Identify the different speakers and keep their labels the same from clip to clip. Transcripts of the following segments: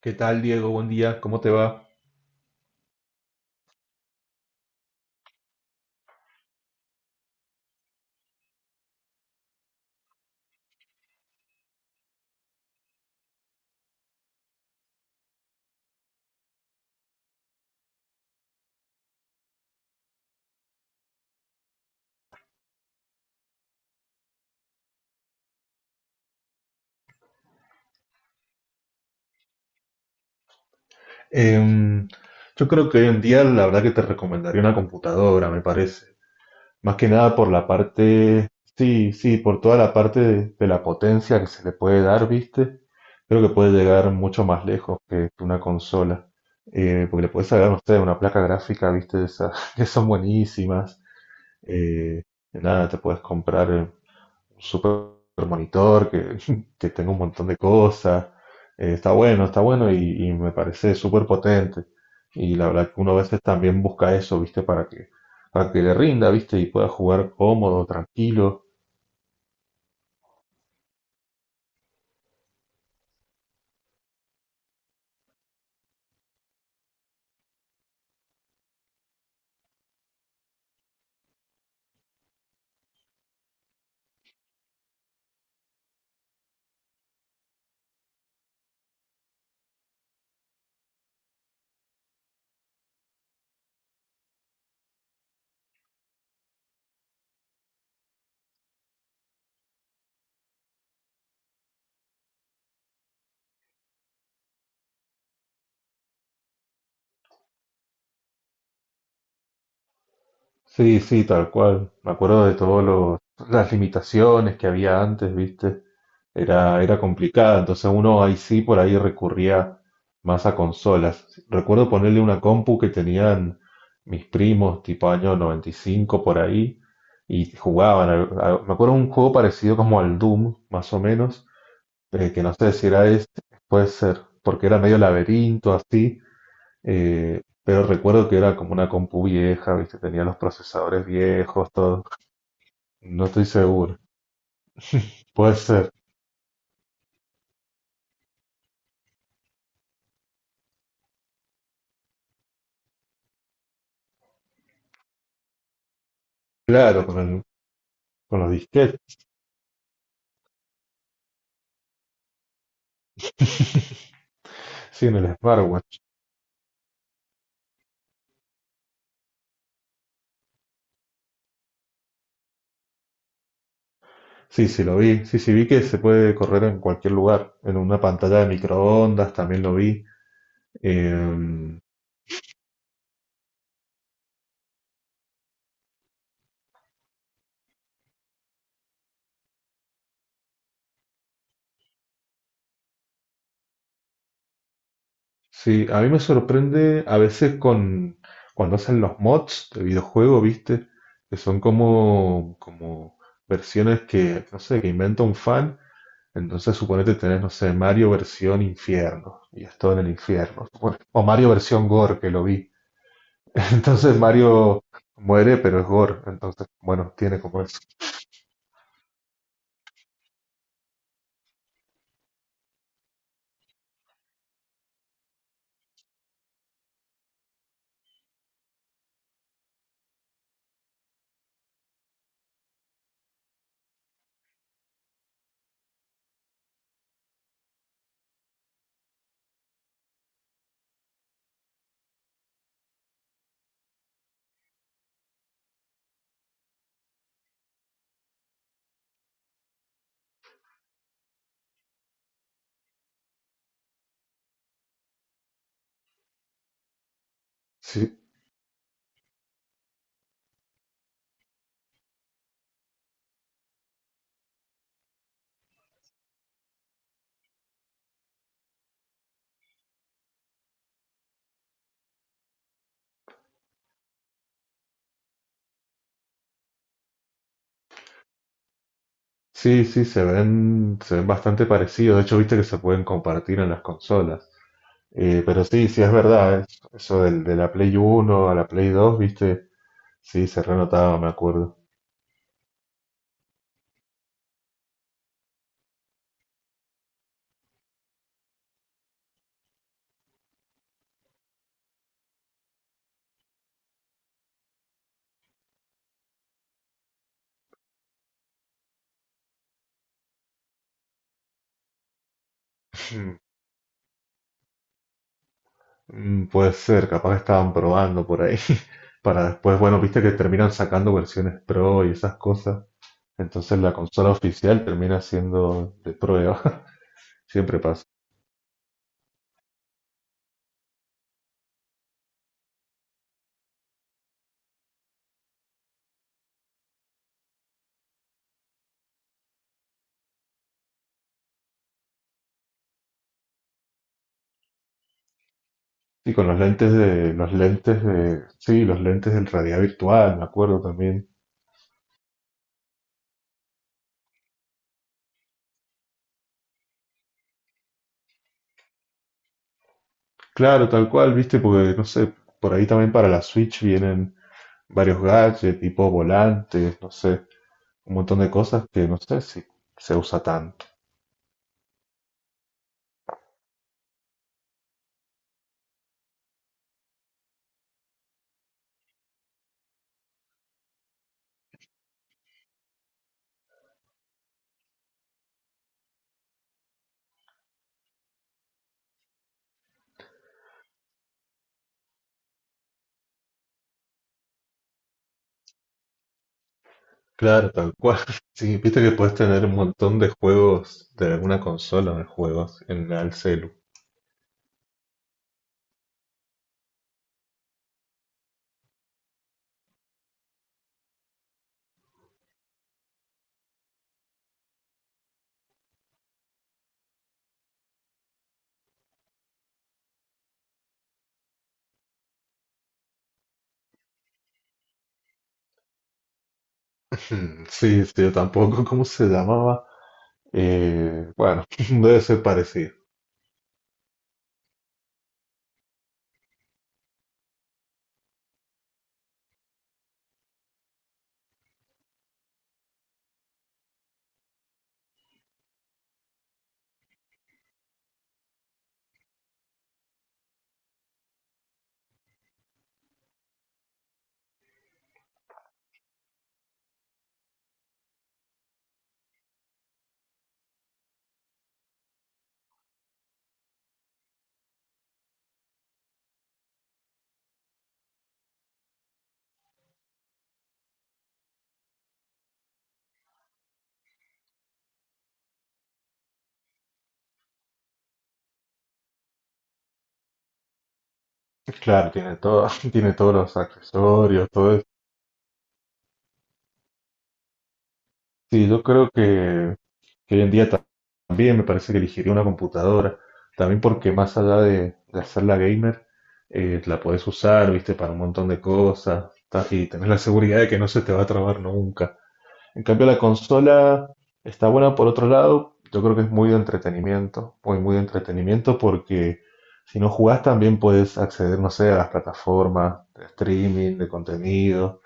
Speaker 1: ¿Qué tal, Diego? Buen día, ¿cómo te va? Em, yo creo que hoy en día la verdad que te recomendaría una computadora, me parece. Más que nada por la parte, sí, sí, por toda la parte de la potencia que se le puede dar, ¿viste? Creo que puede llegar mucho más lejos que una consola. Porque le puedes sacar, no sé, una placa gráfica, ¿viste? De esas que son buenísimas. Eh, Nada, te puedes comprar un super monitor que, que tenga un montón de cosas. Está bueno, está bueno y me parece súper potente. Y la verdad que uno a veces también busca eso, ¿viste? Para que le rinda, ¿viste? Y pueda jugar cómodo, tranquilo. Sí, sí, tal cual. Me acuerdo de todas las limitaciones que había antes, ¿viste? Era, era complicada. Entonces uno ahí sí por ahí recurría más a consolas. Recuerdo ponerle una compu que tenían mis primos, tipo año 95 por ahí, y jugaban. Me acuerdo un juego parecido como al Doom, más o menos, que no sé si era este, puede ser, porque era medio laberinto así, pero recuerdo que era como una compu vieja, ¿viste? Tenía los procesadores viejos, todo. No estoy seguro. Puede ser. Claro, con los disquetes. Sí, en el smartwatch. Sí, sí, lo vi. Sí, sí, vi que se puede correr en cualquier lugar. En una pantalla de microondas también lo vi. Eh, sí, a mí me sorprende a veces con cuando hacen los mods de videojuego, ¿viste? Que son como versiones que, no sé, que inventa un fan. Entonces suponete tenés, no sé, Mario versión infierno, y es todo en el infierno. O Mario versión gore, que lo vi. Entonces Mario muere, pero es gore. Entonces, bueno, tiene como eso. Sí, sí, sí, se ven bastante parecidos. De hecho, viste que se pueden compartir en las consolas. Pero sí, sí es verdad, eso de la Play Uno a la Play 2 viste, sí, se renotaba, me acuerdo. Mm, puede ser, capaz que estaban probando por ahí para después, bueno, viste que terminan sacando versiones pro y esas cosas. Entonces la consola oficial termina siendo de prueba, siempre pasa. Y con los lentes de, sí, los lentes del realidad virtual, me acuerdo también. Claro, tal cual, viste, porque no sé, por ahí también para la Switch vienen varios gadgets, tipo volantes, no sé, un montón de cosas que no sé si se usa tanto. Claro, tal cual. Sí, viste que puedes tener un montón de juegos de alguna consola de juegos en el celu. Hmm, sí, sí, yo tampoco, ¿cómo se llamaba? Bueno, debe ser parecido. Claro, tiene todo, tiene todos los accesorios, todo eso. Sí, yo creo que hoy en día también me parece que elegiría una computadora. También porque más allá de hacerla gamer, la podés usar, viste, para un montón de cosas. Y tenés la seguridad de que no se te va a trabar nunca. En cambio, la consola está buena por otro lado. Yo creo que es muy de entretenimiento, muy, muy de entretenimiento porque si no jugás también puedes acceder, no sé, a las plataformas de streaming, de contenido,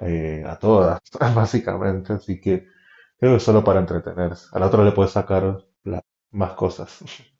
Speaker 1: a todas, básicamente. Así que creo que es solo para entretenerse. A la otra le puedes sacar más cosas.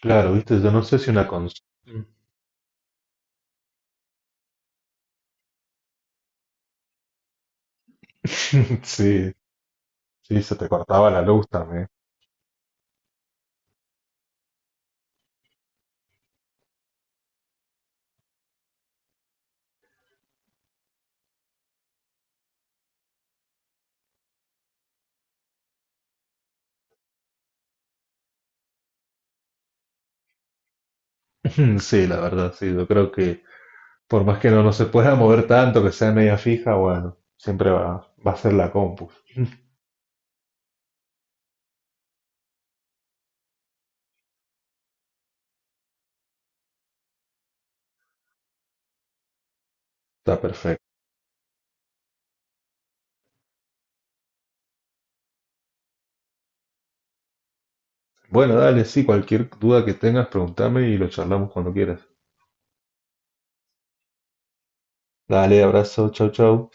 Speaker 1: Claro, viste, yo no sé si una consola... Sí, sí, se te cortaba la luz también. Sí, la verdad, sí, yo creo que por más que no, no se pueda mover tanto, que sea media fija, bueno, siempre va, va a ser la compu. Está perfecto. Bueno, dale, sí, cualquier duda que tengas, pregúntame y lo charlamos cuando quieras. Dale, abrazo, chau, chau.